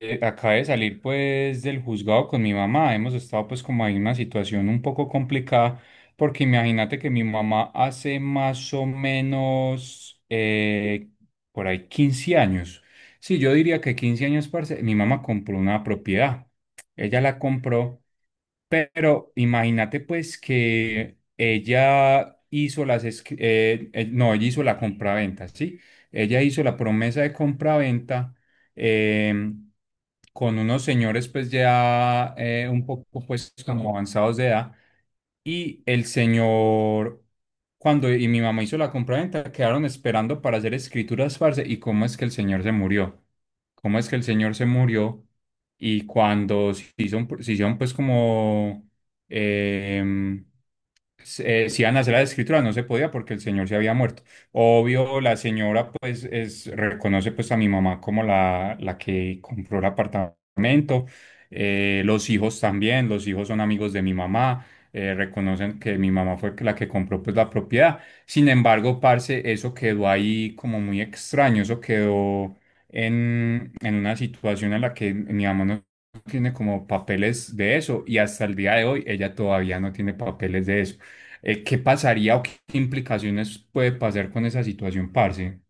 Acabé de salir pues del juzgado con mi mamá. Hemos estado pues como en una situación un poco complicada porque imagínate que mi mamá hace más o menos por ahí 15 años. Sí, yo diría que 15 años, parce, mi mamá compró una propiedad. Ella la compró pero imagínate pues que ella hizo las, esc- no, ella hizo la compraventa, ¿sí? Ella hizo la promesa de compraventa em, con unos señores pues ya un poco pues como avanzados de edad y el señor, cuando mi mamá hizo la compraventa, quedaron esperando para hacer escrituras, parce. ¿Y cómo es que el señor se murió? ¿Cómo es que el señor se murió? Y cuando se hicieron, pues como, em, si iban a hacer las escrituras, no se podía porque el señor se había muerto. Obvio, la señora pues es, reconoce pues a mi mamá como la que compró el apartamento. Los hijos también, los hijos son amigos de mi mamá, reconocen que mi mamá fue la que compró pues la propiedad. Sin embargo, parce, eso quedó ahí como muy extraño, eso quedó en una situación en la que mi mamá no tiene como papeles de eso y hasta el día de hoy ella todavía no tiene papeles de eso. ¿Qué pasaría o qué implicaciones puede pasar con esa situación, parce?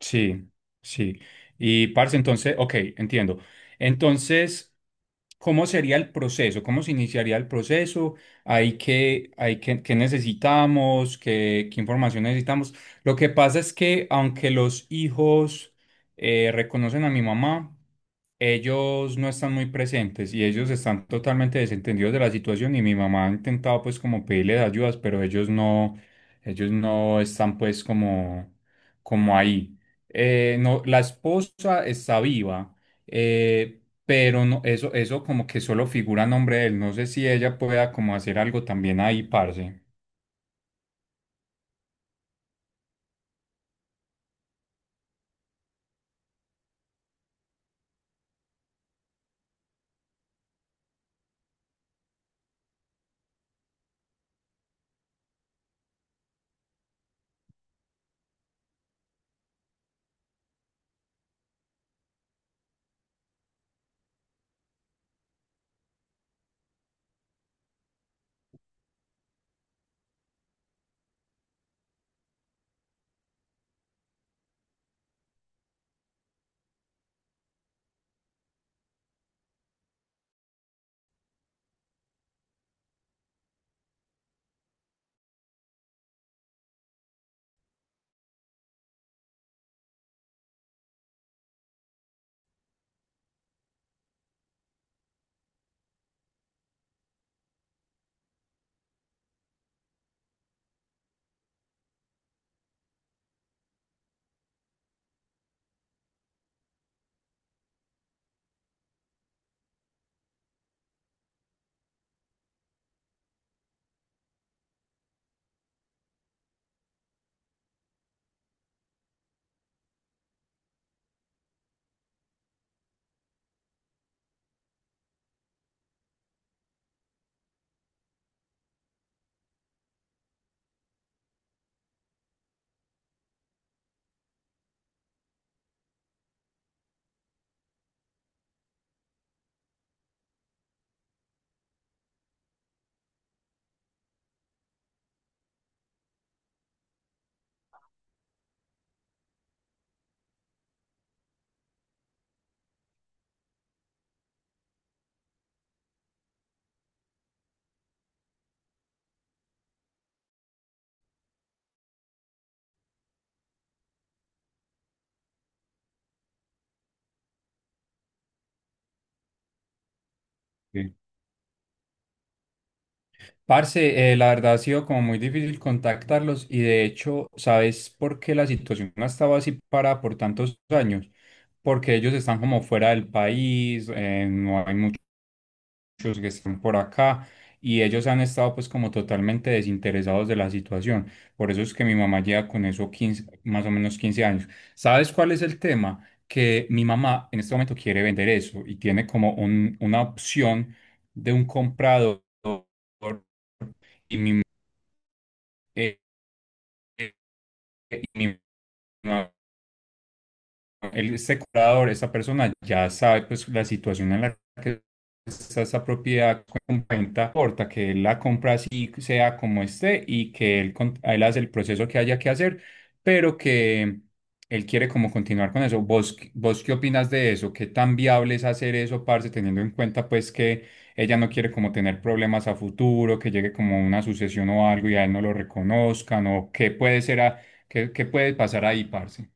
Sí, sí. Y parce, entonces, ok, entiendo. Entonces... ¿Cómo sería el proceso? ¿Cómo se iniciaría el proceso? ¿ qué necesitamos? ¿ qué información necesitamos? Lo que pasa es que aunque los hijos reconocen a mi mamá, ellos no están muy presentes y ellos están totalmente desentendidos de la situación y mi mamá ha intentado pues como pedirles ayudas, pero ellos no están pues como, como ahí. No, la esposa está viva, pero no, eso como que solo figura a nombre de él. No sé si ella pueda como hacer algo también ahí, parce. Sí. Parce, la verdad ha sido como muy difícil contactarlos y de hecho, ¿sabes por qué la situación ha estado así para por tantos años? Porque ellos están como fuera del país, no hay muchos que están por acá y ellos han estado pues como totalmente desinteresados de la situación. Por eso es que mi mamá lleva con eso 15 más o menos 15 años. ¿Sabes cuál es el tema? Que mi mamá en este momento quiere vender eso y tiene como una opción de un comprador y mi eh, eh, y mi mamá el, este curador, esta persona ya sabe pues la situación en la que está esa propiedad con venta, importa que él la compra así sea como esté y que él hace el proceso que haya que hacer, pero que él quiere como continuar con eso. ¿ vos qué opinas de eso? ¿Qué tan viable es hacer eso, parce, teniendo en cuenta pues que ella no quiere como tener problemas a futuro, que llegue como una sucesión o algo y a él no lo reconozcan o qué puede ser a- qué, qué puede pasar ahí, parce?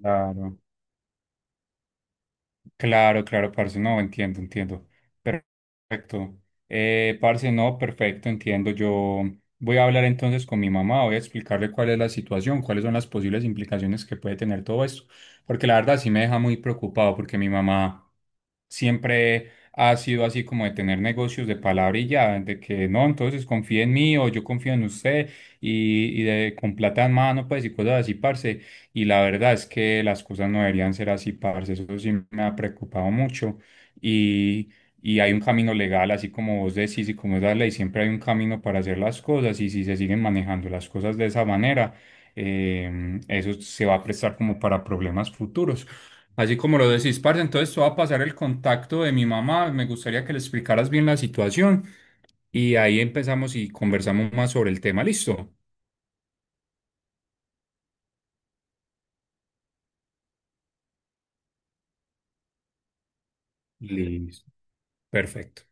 Claro. Claro, claro, parce, no, entiendo, entiendo. Perfecto. Parce, no, perfecto, entiendo. Yo voy a hablar entonces con mi mamá, voy a explicarle cuál es la situación, cuáles son las posibles implicaciones que puede tener todo esto, porque la verdad sí me deja muy preocupado, porque mi mamá siempre ha sido así como de tener negocios de palabra y ya, de que no, entonces confíe en mí o yo confío en usted y de, con plata en mano, pues y cosas así, parce. Y la verdad es que las cosas no deberían ser así, parce. Eso sí me ha preocupado mucho. Y, y hay un camino legal, así como vos decís y como es la ley, siempre hay un camino para hacer las cosas. Y si se siguen manejando las cosas de esa manera, eh, eso se va a prestar como para problemas futuros. Así como lo decís, parce, entonces te voy a pasar el contacto de mi mamá. Me gustaría que le explicaras bien la situación. Y ahí empezamos y conversamos más sobre el tema. ¿Listo? Listo. Perfecto.